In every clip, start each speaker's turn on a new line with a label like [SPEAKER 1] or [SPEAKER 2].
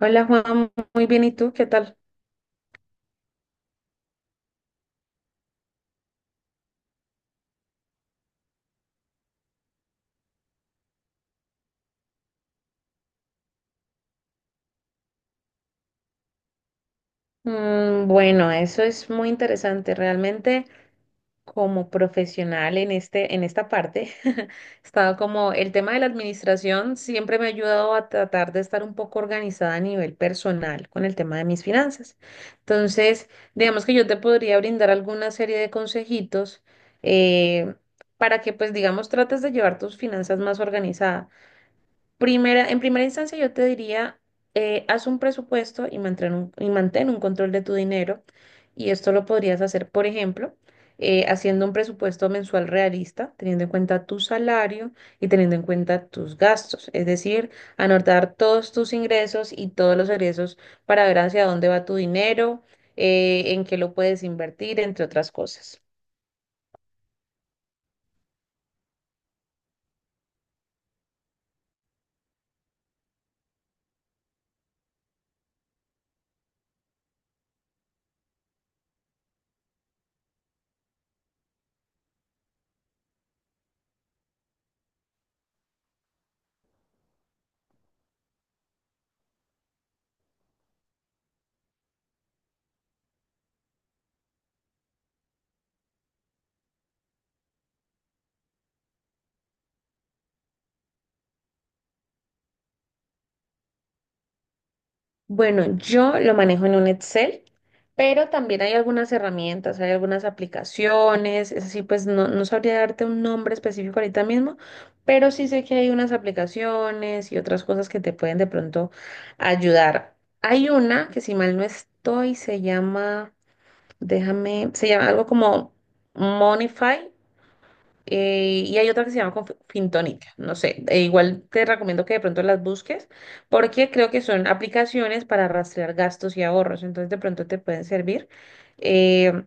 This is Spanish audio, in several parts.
[SPEAKER 1] Hola Juan, muy bien, ¿y tú qué tal? Bueno, eso es muy interesante. Realmente como profesional en en esta parte, he estado como el tema de la administración siempre me ha ayudado a tratar de estar un poco organizada a nivel personal con el tema de mis finanzas. Entonces, digamos que yo te podría brindar alguna serie de consejitos eh, para que pues digamos trates de llevar tus finanzas más organizadas. En primera instancia, yo te diría, haz un presupuesto y mantén un control de tu dinero. Y esto lo podrías hacer, por ejemplo, haciendo un presupuesto mensual realista, teniendo en cuenta tu salario y teniendo en cuenta tus gastos. Es decir, anotar todos tus ingresos y todos los egresos para ver hacia dónde va tu dinero, en qué lo puedes invertir, entre otras cosas. Bueno, yo lo manejo en un Excel, pero también hay algunas herramientas, hay algunas aplicaciones, es así, pues no sabría darte un nombre específico ahorita mismo, pero sí sé que hay unas aplicaciones y otras cosas que te pueden de pronto ayudar. Hay una que si mal no estoy, se llama, déjame, se llama algo como Monify, y hay otra que se llama Fintónica, no sé, e igual te recomiendo que de pronto las busques porque creo que son aplicaciones para rastrear gastos y ahorros, entonces de pronto te pueden servir. Eh,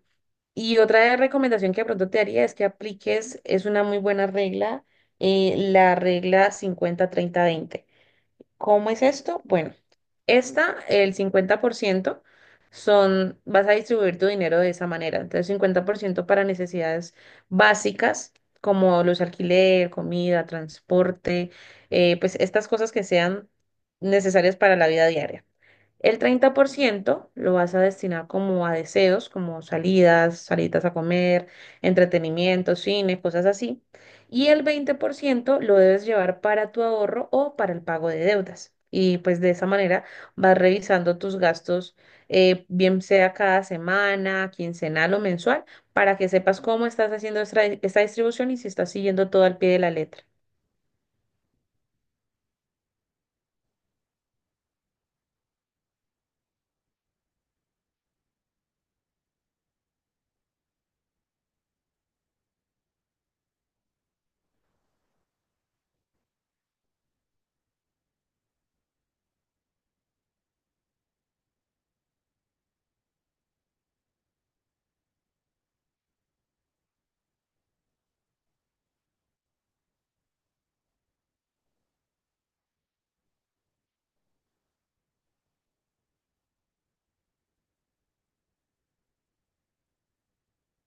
[SPEAKER 1] y otra recomendación que de pronto te haría es que apliques, es una muy buena regla, la regla 50 30 20. ¿Cómo es esto? Bueno, esta, el 50% son, vas a distribuir tu dinero de esa manera. Entonces, 50% para necesidades básicas, como los alquiler, comida, transporte, pues estas cosas que sean necesarias para la vida diaria. El 30% lo vas a destinar como a deseos, como salidas, salidas a comer, entretenimiento, cine, cosas así. Y el 20% lo debes llevar para tu ahorro o para el pago de deudas. Y pues de esa manera vas revisando tus gastos, bien sea cada semana, quincenal o mensual, para que sepas cómo estás haciendo esta distribución y si estás siguiendo todo al pie de la letra.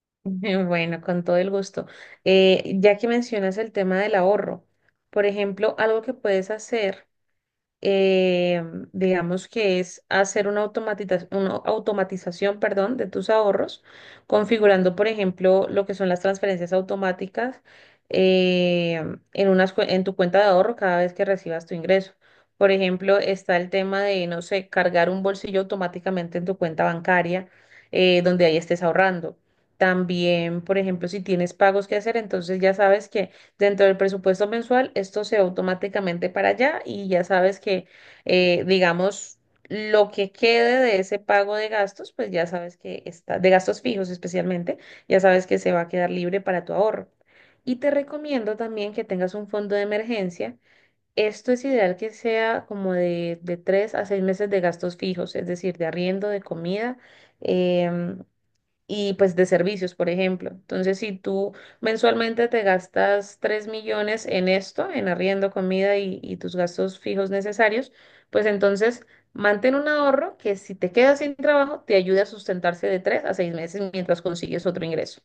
[SPEAKER 1] Bueno, con todo el gusto. Ya que mencionas el tema del ahorro, por ejemplo, algo que puedes hacer eh, digamos que es hacer una una automatización, perdón, de tus ahorros, configurando, por ejemplo, lo que son las transferencias automáticas eh, en en tu cuenta de ahorro cada vez que recibas tu ingreso. Por ejemplo, está el tema de, no sé, cargar un bolsillo automáticamente en tu cuenta bancaria, donde ahí estés ahorrando. También, por ejemplo, si tienes pagos que hacer, entonces ya sabes que dentro del presupuesto mensual, esto se va automáticamente para allá y ya sabes que, digamos, lo que quede de ese pago de gastos, pues ya sabes que está, de gastos fijos especialmente, ya sabes que se va a quedar libre para tu ahorro. Y te recomiendo también que tengas un fondo de emergencia. Esto es ideal que sea como de 3 a 6 meses de gastos fijos, es decir, de arriendo, de comida, em, y pues de servicios, por ejemplo. Entonces, si tú mensualmente te gastas 3 millones en esto, en arriendo, comida y tus gastos fijos necesarios, pues entonces mantén un ahorro que si te quedas sin trabajo, te ayude a sustentarse de 3 a 6 meses mientras consigues otro ingreso.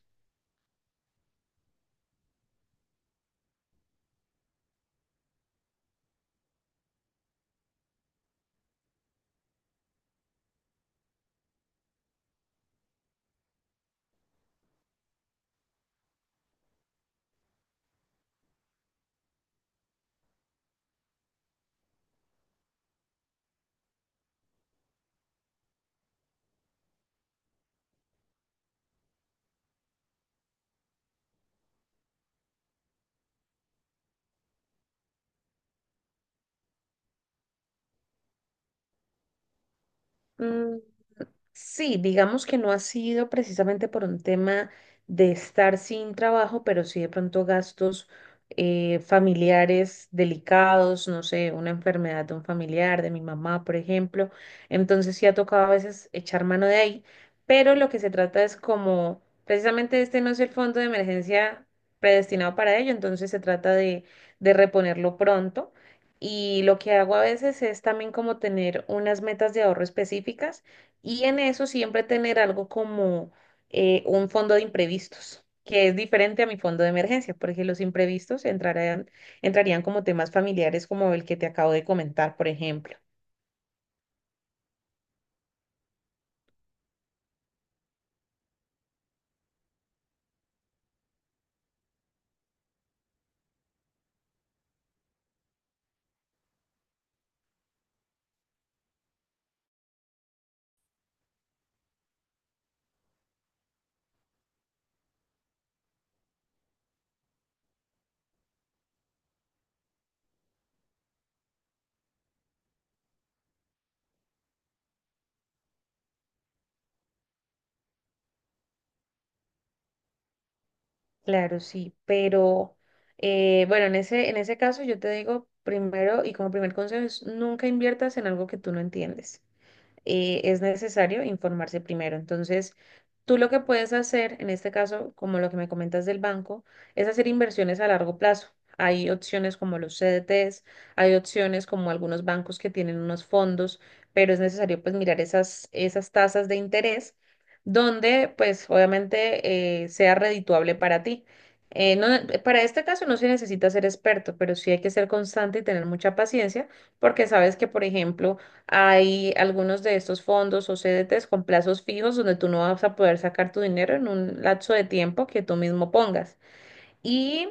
[SPEAKER 1] Sí, digamos que no ha sido precisamente por un tema de estar sin trabajo, pero sí de pronto gastos familiares delicados, no sé, una enfermedad de un familiar, de mi mamá, por ejemplo. Entonces sí ha tocado a veces echar mano de ahí, pero lo que se trata es como, precisamente este no es el fondo de emergencia predestinado para ello, entonces se trata de reponerlo pronto. Y lo que hago a veces es también como tener unas metas de ahorro específicas y en eso siempre tener algo como un fondo de imprevistos, que es diferente a mi fondo de emergencia, porque los imprevistos entrarían como temas familiares como el que te acabo de comentar, por ejemplo. Claro, sí, pero bueno, en en ese caso yo te digo primero y como primer consejo es nunca inviertas en algo que tú no entiendes. Es necesario informarse primero. Entonces, tú lo que puedes hacer, en este caso, como lo que me comentas del banco, es hacer inversiones a largo plazo. Hay opciones como los CDTs, hay opciones como algunos bancos que tienen unos fondos, pero es necesario pues mirar esas tasas de interés donde pues obviamente sea redituable para ti. Eh, no- para este caso no se necesita ser experto, pero sí hay que ser constante y tener mucha paciencia porque sabes que, por ejemplo, hay algunos de estos fondos o CDTs con plazos fijos donde tú no vas a poder sacar tu dinero en un lapso de tiempo que tú mismo pongas. Y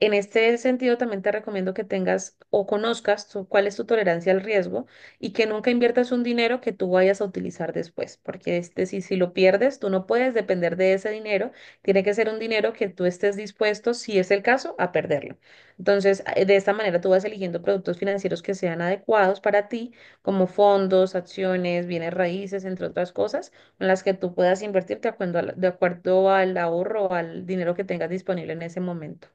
[SPEAKER 1] en este sentido, también te recomiendo que tengas o conozcas cuál es tu tolerancia al riesgo y que nunca inviertas un dinero que tú vayas a utilizar después, porque este, si lo pierdes, tú no puedes depender de ese dinero, tiene que ser un dinero que tú estés dispuesto, si es el caso, a perderlo. Entonces, de esta manera tú vas eligiendo productos financieros que sean adecuados para ti, como fondos, acciones, bienes raíces, entre otras cosas, en las que tú puedas invertir de acuerdo al ahorro o al dinero que tengas disponible en ese momento.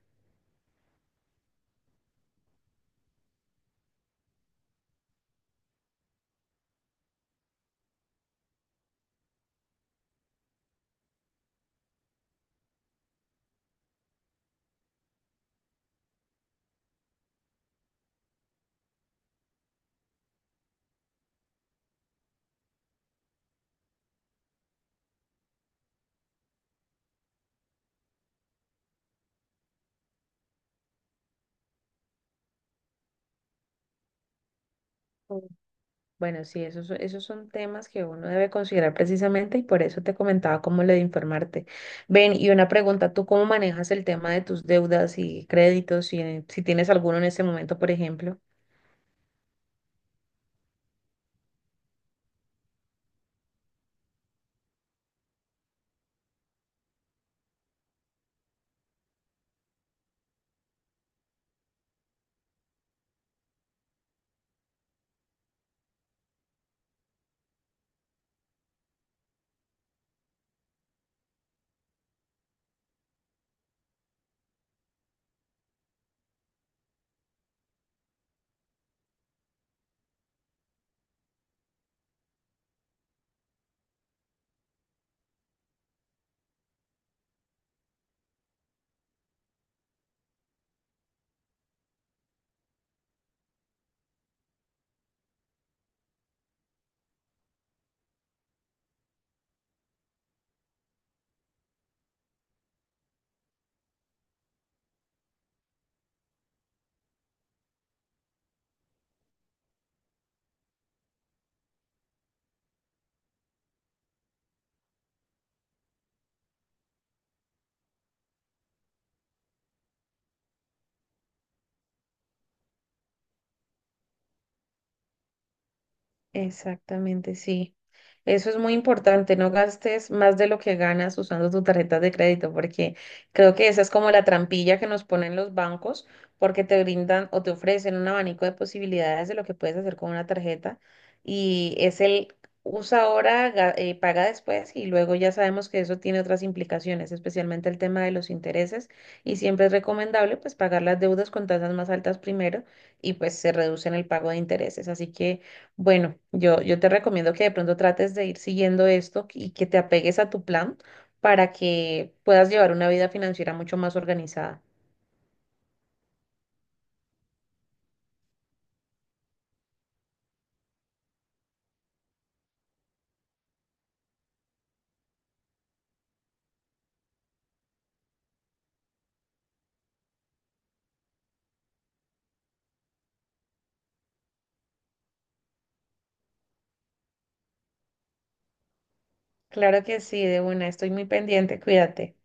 [SPEAKER 1] Bueno, sí, esos son temas que uno debe considerar precisamente y por eso te comentaba cómo lo de informarte. Ven, y una pregunta, ¿tú cómo manejas el tema de tus deudas y créditos, si tienes alguno en este momento, por ejemplo? Exactamente, sí. Eso es muy importante, no gastes más de lo que ganas usando tu tarjeta de crédito, porque creo que esa es como la trampilla que nos ponen los bancos, porque te brindan o te ofrecen un abanico de posibilidades de lo que puedes hacer con una tarjeta y es el usa ahora, paga después y luego ya sabemos que eso tiene otras implicaciones, especialmente el tema de los intereses y siempre es recomendable pues pagar las deudas con tasas más altas primero y pues se reducen el pago de intereses, así que bueno, yo te recomiendo que de pronto trates de ir siguiendo esto y que te apegues a tu plan para que puedas llevar una vida financiera mucho más organizada. Claro que sí, de una, estoy muy pendiente, cuídate.